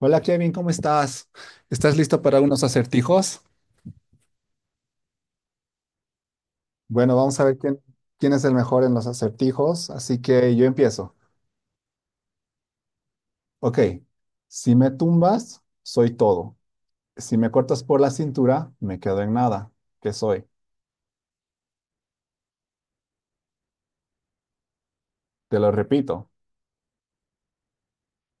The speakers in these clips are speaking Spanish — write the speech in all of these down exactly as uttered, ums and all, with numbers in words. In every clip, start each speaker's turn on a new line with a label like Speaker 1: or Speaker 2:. Speaker 1: Hola Kevin, ¿cómo estás? ¿Estás listo para unos acertijos? Bueno, vamos a ver quién, quién es el mejor en los acertijos, así que yo empiezo. Ok, si me tumbas, soy todo. Si me cortas por la cintura, me quedo en nada. ¿Qué soy? Te lo repito.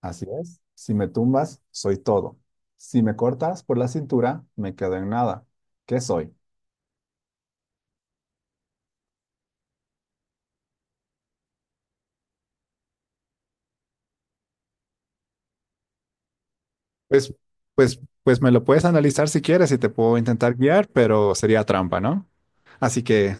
Speaker 1: Así es. Si me tumbas, soy todo. Si me cortas por la cintura, me quedo en nada. ¿Qué soy? Pues, pues, pues me lo puedes analizar si quieres y te puedo intentar guiar, pero sería trampa, ¿no? Así que.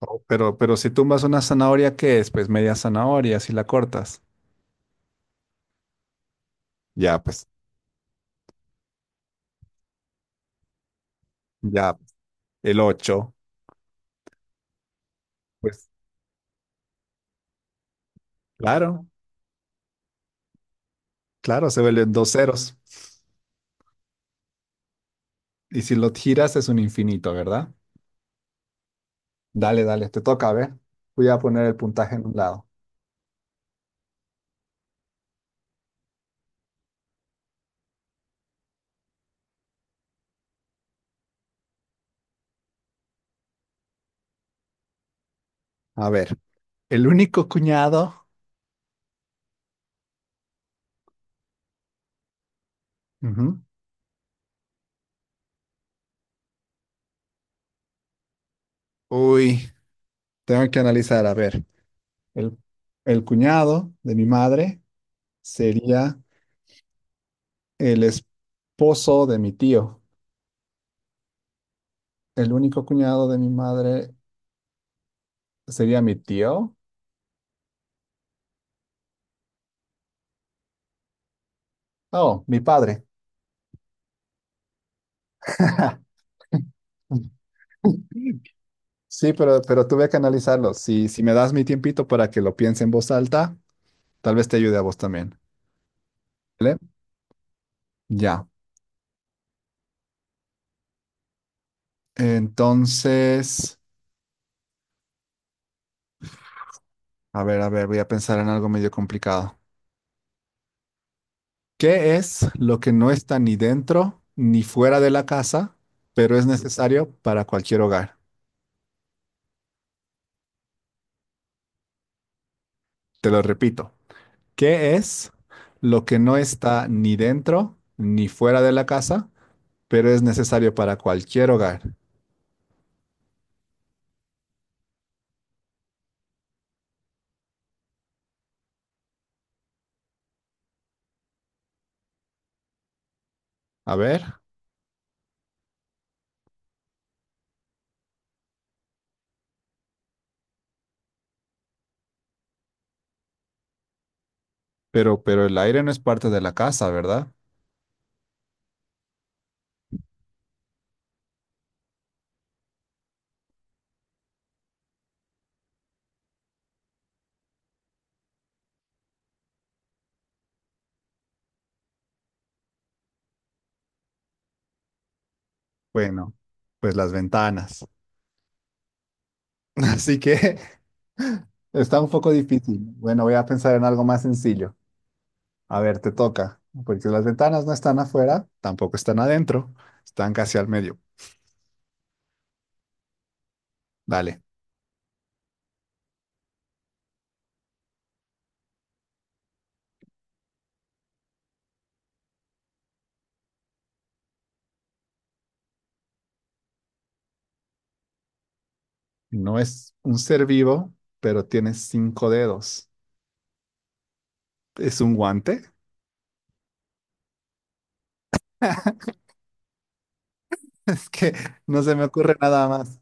Speaker 1: Oh, pero, pero si tumbas una zanahoria, ¿qué es? Pues media zanahoria, si la cortas. Ya, pues, ya, pues, el ocho. Pues, claro, claro, se vuelven dos ceros. Y si lo giras es un infinito, ¿verdad? Dale, dale, te toca, a ver. Voy a poner el puntaje en un lado. A ver, el único cuñado. Ujú. Uy, tengo que analizar, a ver. El, el cuñado de mi madre sería el esposo de mi tío. El único cuñado de mi madre, ¿sería mi tío? Oh, mi padre. Sí, pero, pero tuve que analizarlo. Si, si me das mi tiempito para que lo piense en voz alta, tal vez te ayude a vos también. ¿Vale? Ya. Entonces, a ver, a ver, voy a pensar en algo medio complicado. ¿Qué es lo que no está ni dentro ni fuera de la casa, pero es necesario para cualquier hogar? Te lo repito. ¿Qué es lo que no está ni dentro ni fuera de la casa, pero es necesario para cualquier hogar? A ver, pero, pero el aire no es parte de la casa, ¿verdad? Bueno, pues las ventanas. Así que está un poco difícil. Bueno, voy a pensar en algo más sencillo. A ver, te toca, porque las ventanas no están afuera, tampoco están adentro, están casi al medio. Dale, no es un ser vivo, pero tiene cinco dedos. ¿Es un guante? Es que no se me ocurre nada más.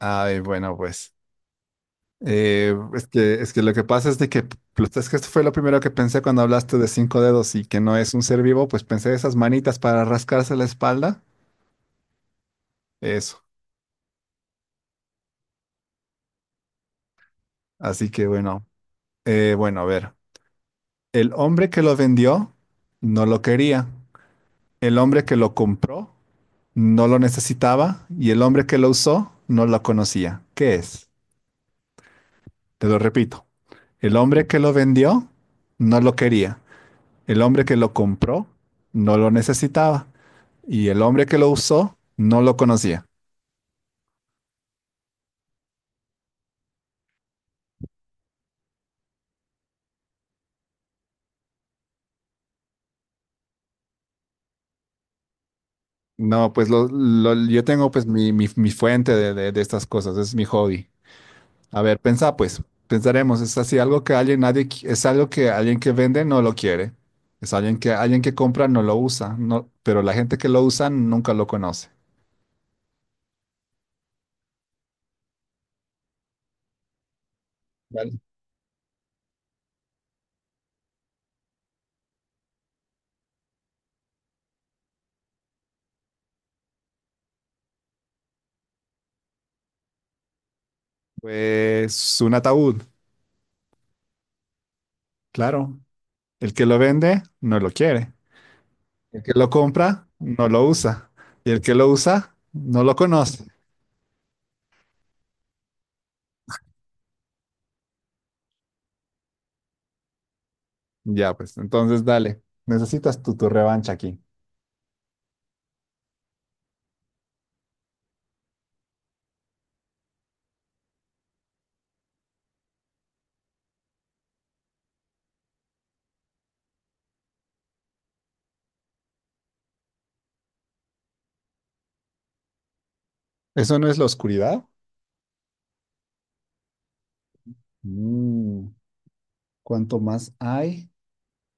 Speaker 1: Ay, bueno, pues. Eh, es que, es que lo que pasa es de que, pues, es que esto fue lo primero que pensé cuando hablaste de cinco dedos y que no es un ser vivo, pues pensé esas manitas para rascarse la espalda, eso. Así que bueno. Eh, bueno, a ver, el hombre que lo vendió no lo quería, el hombre que lo compró no lo necesitaba y el hombre que lo usó no lo conocía. ¿Qué es? Te lo repito, el hombre que lo vendió no lo quería, el hombre que lo compró no lo necesitaba, y el hombre que lo usó no lo conocía. No, pues lo, lo- yo tengo pues mi, mi, mi fuente de, de- de estas cosas, es mi hobby. A ver, pensá pues, pensaremos, es así algo que alguien, nadie, qui- es algo que alguien que vende no lo quiere, es alguien que alguien que compra no lo usa, no, pero la gente que lo usa nunca lo conoce. Vale. Pues un ataúd, claro. El que lo vende no lo quiere, el que lo compra no lo usa y el que lo usa no lo conoce. Ya, pues, entonces dale. Necesitas tu, tu revancha aquí. ¿Eso no es la oscuridad? Mm, Cuanto más hay,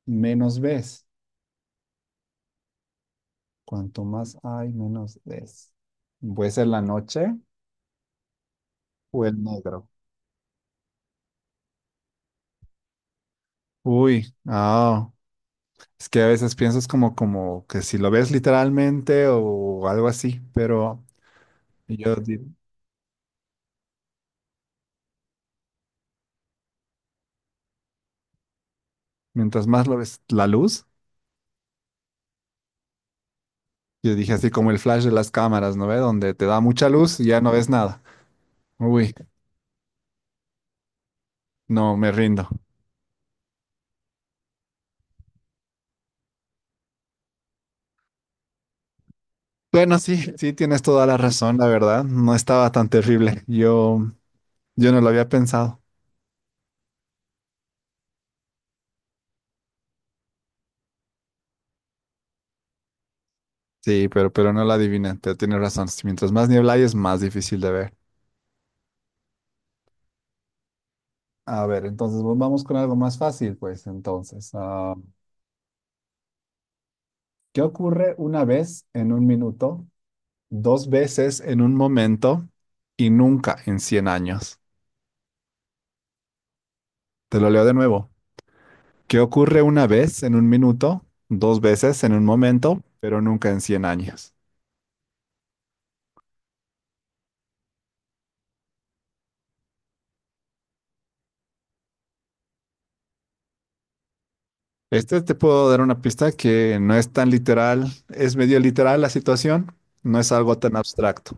Speaker 1: menos ves. Cuanto más hay, menos ves. ¿Puede ser la noche o el negro? Uy, ah, es que a veces piensas como, como que si lo ves literalmente o algo así, pero yo di- mientras más lo ves, la luz, yo dije así como el flash de las cámaras, ¿no ve? Donde te da mucha luz y ya no ves nada. Uy, no, me rindo. Bueno, sí, sí, tienes toda la razón, la verdad. No estaba tan terrible. Yo, yo no lo había pensado. Sí, pero, pero no lo adiviné. Te- Tienes razón. Sí, mientras más niebla hay, es más difícil de ver. A ver, entonces pues, vamos con algo más fácil, pues entonces. Ah, ¿qué ocurre una vez en un minuto, dos veces en un momento y nunca en cien años? Te lo leo de nuevo. ¿Qué ocurre una vez en un minuto, dos veces en un momento, pero nunca en cien años? Este te puedo dar una pista que no es tan literal, es medio literal la situación, no es algo tan abstracto.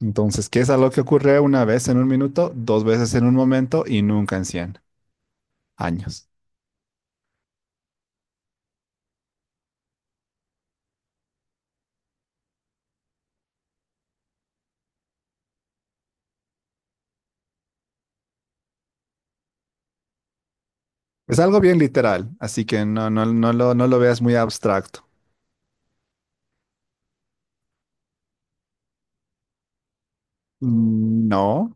Speaker 1: Entonces, ¿qué es algo que ocurre una vez en un minuto, dos veces en un momento y nunca en cien años? Es algo bien literal, así que no, no, no lo, no lo veas muy abstracto. Mm, no.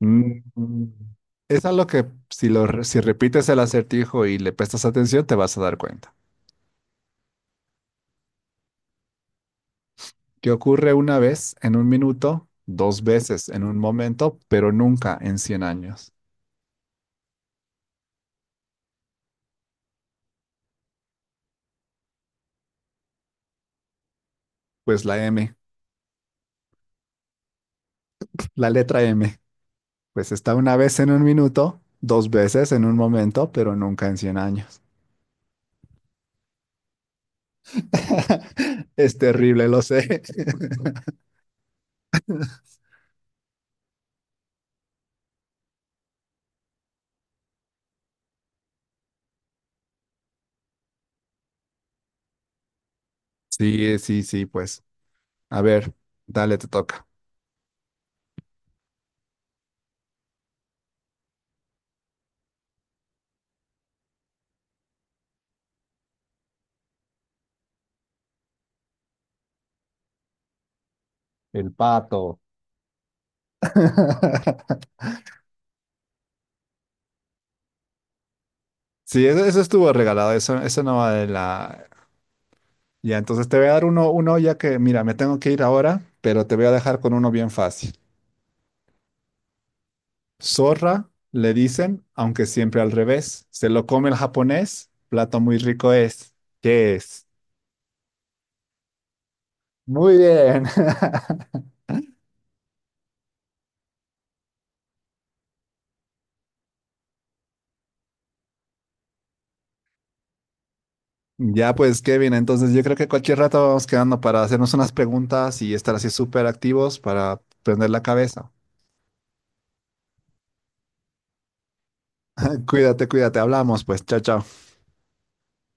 Speaker 1: Mm, Es algo que si, lo, re- si repites el acertijo y le prestas atención, te vas a dar cuenta que ocurre una vez en un minuto, dos veces en un momento, pero nunca en cien años. Pues la eme, la letra eme, pues está una vez en un minuto, dos veces en un momento, pero nunca en cien años. Es terrible, lo sé. Sí, sí, sí, pues. A ver, dale, te toca. El pato. Sí, eso, eso estuvo regalado, eso, eso no va de la. Ya, entonces te voy a dar uno, uno ya que, mira, me tengo que ir ahora, pero te voy a dejar con uno bien fácil. Zorra, le dicen, aunque siempre al revés. Se lo come el japonés, plato muy rico es. ¿Qué es? Muy bien. Ya pues, Kevin, entonces yo creo que cualquier rato vamos quedando para hacernos unas preguntas y estar así súper activos para prender la cabeza. Cuídate, cuídate, hablamos, pues, chao, chao.